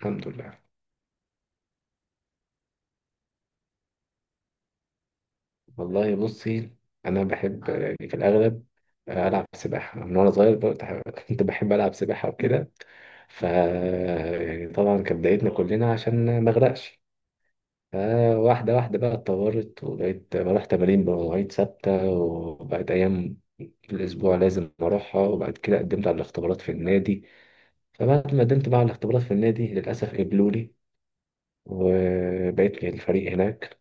الحمد لله. والله بصي، انا بحب في الاغلب. العب سباحه من وانا صغير بقى. كنت كنت بحب العب سباحه وكده. ف يعني طبعا كانت بدايتنا كلنا عشان ما اغرقش. فواحده واحده بقى اتطورت وبقيت بروح تمارين بمواعيد ثابته وبقت ايام في الاسبوع لازم اروحها، وبعد كده قدمت على الاختبارات في النادي. فبعد ما قدمت بقى على الاختبارات في النادي للاسف قبلوا لي وبقيت في الفريق هناك.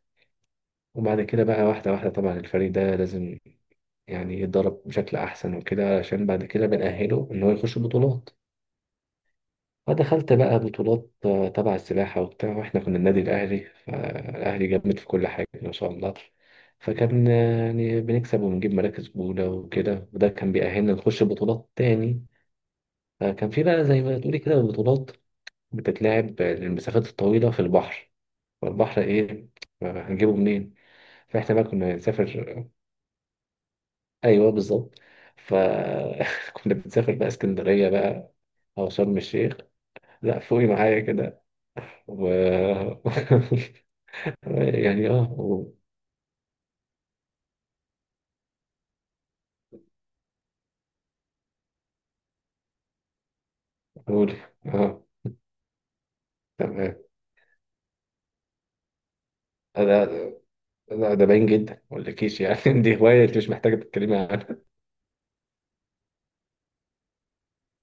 وبعد كده بقى واحدة واحدة طبعا الفريق ده لازم يعني يتدرب بشكل أحسن وكده، عشان بعد كده بنأهله إن هو يخش بطولات. فدخلت بقى بطولات تبع السباحة وبتاع، وإحنا كنا النادي الأهلي. فالأهلي جامد في كل حاجة ما شاء الله. فكان يعني بنكسب وبنجيب مراكز أولى وكده، وده كان بيأهلنا نخش بطولات تاني. فكان في بقى زي ما تقولي كده بطولات بتتلعب للمسافات الطويلة في البحر. فالبحر إيه؟ هنجيبه منين؟ فاحنا بقى كنا نسافر. ايوه بالظبط. فكنا بنسافر بقى اسكندريه بقى او شرم الشيخ. لا فوقي معايا كده. و يعني اه قول. اه، تمام. انا، لا ده باين جدا ما اقولكيش يعني. دي هوايه انت مش محتاجه تتكلمي عنها.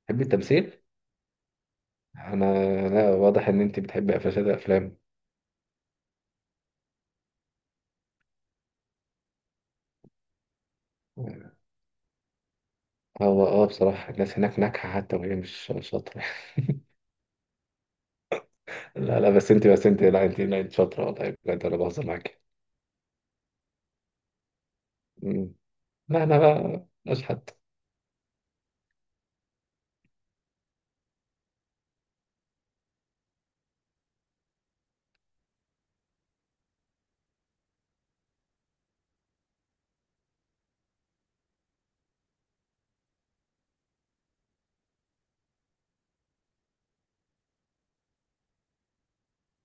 تحبي التمثيل؟ انا، لا واضح ان انت بتحبي قفشات الافلام. هو اه بصراحه الناس هناك ناجحه حتى وهي مش شاطره. لا لا بس انت، بس انت، لا انت، لا انت شاطره والله بجد، انا بهزر معاكي. مم. لا انا بقى اشحت.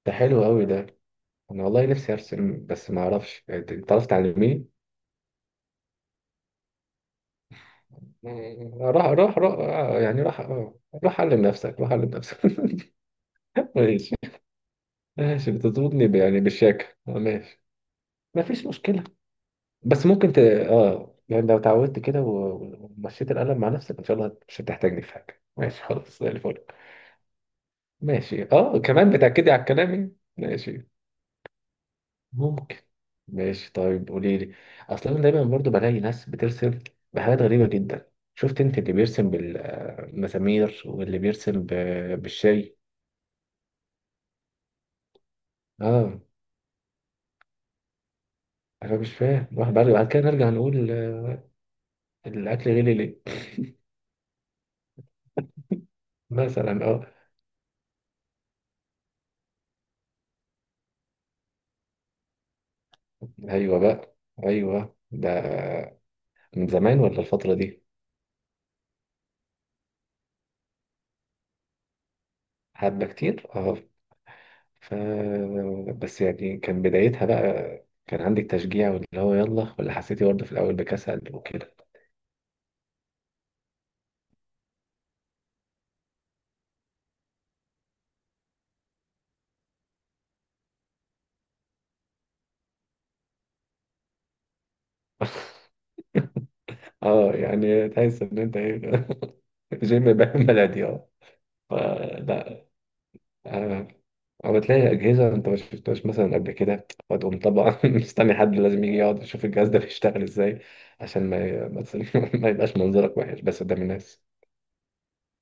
ده حلو قوي ده. انا والله نفسي ارسم بس ما اعرفش انت، أنت تعرف تعلميني. راح يعني راح، راح علم نفسك، راح علم نفسك. ماشي. ماشي بتضربني يعني بالشاكة. ماشي. ما فيش مشكلة. بس ممكن ت... اه يعني لو اتعودت كده ومشيت القلم مع نفسك ان شاء الله مش هتحتاجني في حاجة. ماشي خلاص زي الفل. ماشي اه كمان بتأكدي على كلامي. ماشي. ممكن. ماشي طيب قولي لي. اصل انا دايما برضو بلاقي ناس بترسم بحاجات غريبه جدا. شفت انت اللي بيرسم بالمسامير واللي بيرسم بالشاي. اه. انا مش فاهم واحد، بعد كده نرجع نقول، الاكل غلي ليه؟ مثلا اه. ايوه بقى، ايوه ده من زمان ولا الفتره دي؟ حبه كتير اه. ف بس يعني كان بدايتها بقى كان عندك تشجيع واللي هو يلا، ولا حسيتي برضه في الاول بكسل وكده؟ اه يعني تحس ان انت ايه. جيم بقى بلدي اه. فلا. آه، او تلاقي اجهزه انت ما شفتهاش مثلا قبل كده، فتقوم طبعا مستني حد لازم يجي يقعد يشوف الجهاز ده بيشتغل ازاي، عشان ما بس ما يبقاش منظرك وحش بس قدام الناس.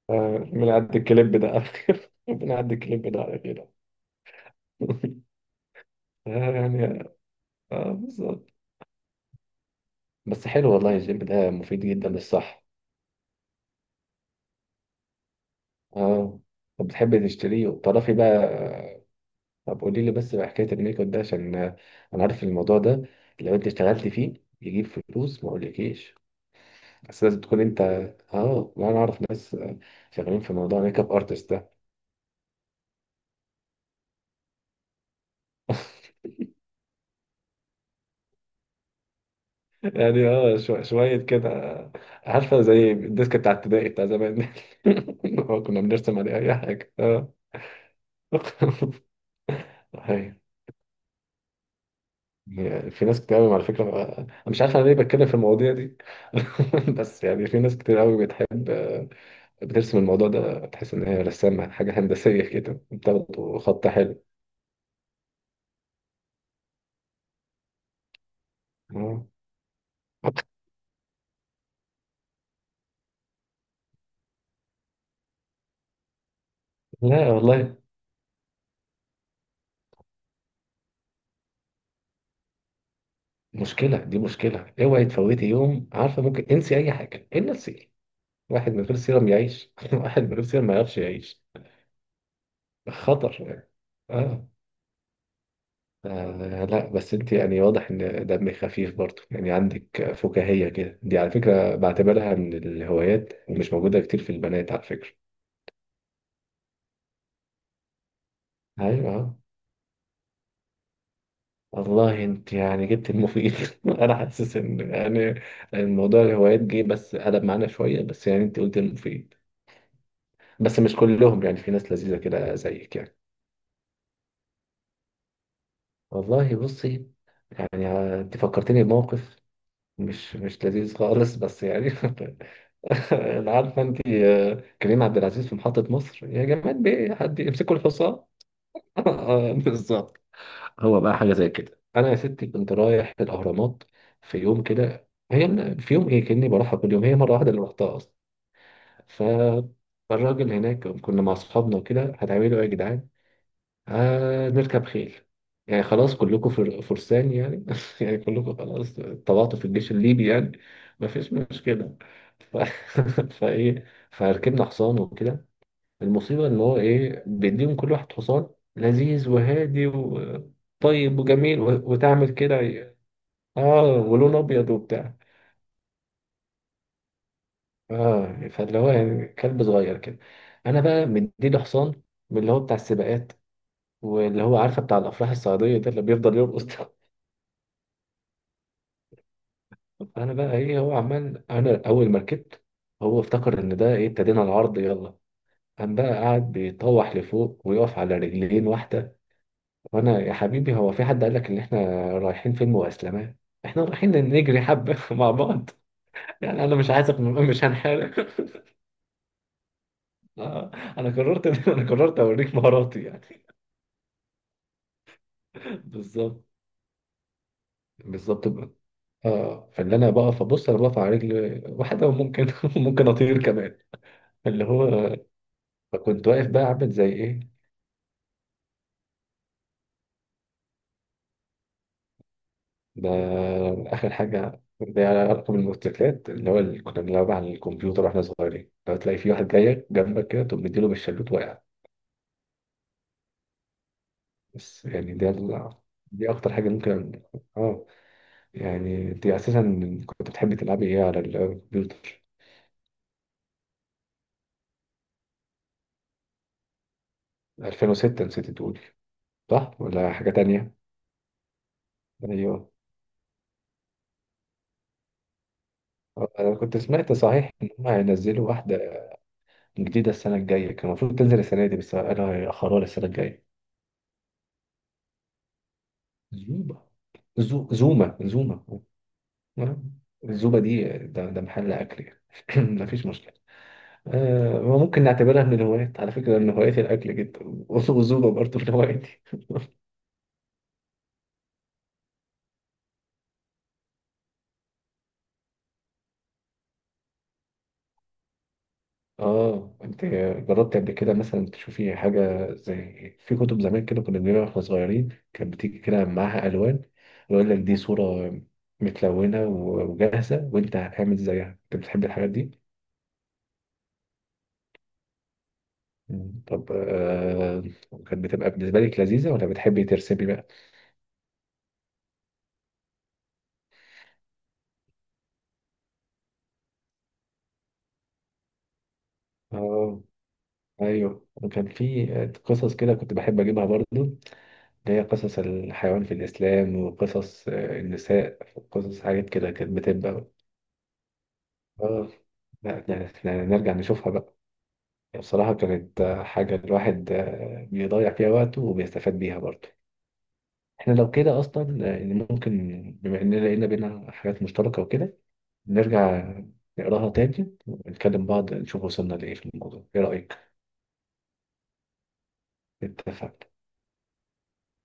بنعدي الكليب ده على خير. بنعدي الكليب ده على خير. آه، يعني اه بالظبط. بس حلو والله الجيم ده مفيد جدا للصحه. اه. طب بتحب تشتريه وتعرفي بقى. طب قولي لي بس بقى حكاية الميك اب ده، عشان أنا عارف الموضوع ده لو أنت اشتغلت فيه يجيب فلوس ما أقولكيش. بس لازم تكون أنت، آه أنا أعرف ناس شغالين في موضوع ميك اب أرتست ده. يعني آه شوية كده. عارفة زي الديسك بتاع ابتدائي بتاع زمان؟ هو كنا بنرسم عليه أي حاجة آه. هاي. يعني في ناس كتير قوي على فكرة، أنا مش عارف أنا ليه بتكلم في المواضيع دي. بس يعني في ناس كتير قوي بتحب بترسم الموضوع ده تحس إن هي رسامة حاجة هندسية. كده بتاخده خط حلو. آه. لا والله. مشكلة دي مشكلة، اوعي تفوتي يوم. عارفة ممكن انسي أي حاجة إلا السيرم. واحد من غير سيرم يعيش؟ واحد من غير سيرم ما يعرفش يعيش. خطر يعني. آه. آه لا بس انت يعني واضح ان دمك خفيف برضه، يعني عندك فكاهية كده دي على فكرة بعتبرها من الهوايات ومش موجودة كتير في البنات على فكرة. ايوه آه. والله انت يعني جبت المفيد. انا حاسس ان يعني الموضوع الهوايات جه بس قلب معانا شويه، بس يعني انت قلت المفيد. بس مش كلهم، يعني في ناس لذيذه كده زيك يعني. والله بصي، يعني انت فكرتني بموقف مش مش لذيذ خالص بس يعني. انا عارفه انت، كريم عبد العزيز في محطه مصر يا جماعه بيه حد يمسكوا الحصان. بالظبط. هو بقى حاجة زي كده، أنا يا ستي كنت رايح الأهرامات في يوم كده، هي في يوم إيه كأني بروحها كل يوم، هي مرة واحدة اللي روحتها أصلا. فالراجل هناك كنا مع أصحابنا وكده، هتعملوا إيه يا جدعان؟ آه نركب خيل. يعني خلاص كلكم فرسان يعني. يعني كلكم خلاص طلعتوا في الجيش الليبي يعني. مفيش مشكلة. ف... فإيه، فركبنا حصان وكده. المصيبة إن هو إيه، بيديهم كل واحد حصان لذيذ وهادي وطيب وجميل وتعمل كده ي- آه، ولون أبيض وبتاع. آه فاللي هو يعني كلب صغير كده. أنا بقى مديله حصان من اللي هو بتاع السباقات، واللي هو عارفة بتاع الأفراح الصعيدية ده اللي بيفضل يرقص ده. أنا بقى إيه، هو عمال، أنا أول ما ركبت هو افتكر إن ده إيه ابتدينا العرض يلا. قام بقى قاعد بيطوح لفوق ويقف على رجلين واحدة. وانا يا حبيبي، هو في حد قال لك ان احنا رايحين فيلم واسلامات؟ احنا رايحين نجري حبه مع بعض، يعني انا مش عايزك مش هنحارب. آه، انا قررت. انا قررت اوريك مهاراتي يعني. بالظبط. بالظبط بقى. اه فاللي انا بقف ابص انا بقف على رجل واحده، وممكن ممكن اطير كمان. اللي هو فكنت واقف بقى عامل زي ايه. ده اخر حاجه ده، على رقم الموتوسيكلات اللي هو اللي كنا بنلعب على الكمبيوتر واحنا صغيرين، لو تلاقي في واحد جاي جنبك كده تقوم مديله بالشلوت واقع. بس يعني ده دي اكتر حاجه ممكن اه، يعني دي اساسا. كنت بتحبي تلعبي ايه على الكمبيوتر؟ 2006 نسيت تقولي، صح ولا حاجه تانية؟ ايوه انا كنت سمعت صحيح ان هم هينزلوا واحده جديده السنه الجايه، كان المفروض تنزل السنه دي بس انا هيأخروها للسنه الجايه. زوبا. زو... زوما زوما. آه، الزوبا دي ده, ده محل اكل يعني. مفيش مشكله. آه ممكن نعتبرها من الهوايات على فكرة، أنا هوايتي الأكل جدا. والزوبة برضه من هوايتي. اه انت جربت قبل كده مثلا تشوفي حاجه زي، في كتب زمان كده كنا بنجيبها واحنا صغيرين، كانت بتيجي كده معاها الوان ويقول لك دي صوره متلونه وجاهزه وانت هتعمل زيها؟ انت بتحب الحاجات دي؟ مم. طب آه كانت بتبقى بالنسبه لك لذيذه ولا بتحبي ترسمي بقى؟ اه ايوه، وكان في قصص كده كنت بحب اجيبها برضو، اللي هي قصص الحيوان في الاسلام وقصص النساء وقصص حاجات كده كانت بتبقى. اه. لا يعني، يعني نرجع نشوفها بقى. بصراحة كانت حاجة الواحد بيضيع فيها وقته وبيستفاد بيها برضه. احنا لو كده اصلا يعني ممكن، بما اننا لقينا بينا حاجات مشتركة وكده، نرجع نقراها تاني ونكلم بعض نشوف وصلنا لإيه في الموضوع، ايه رأيك؟ اتفقنا.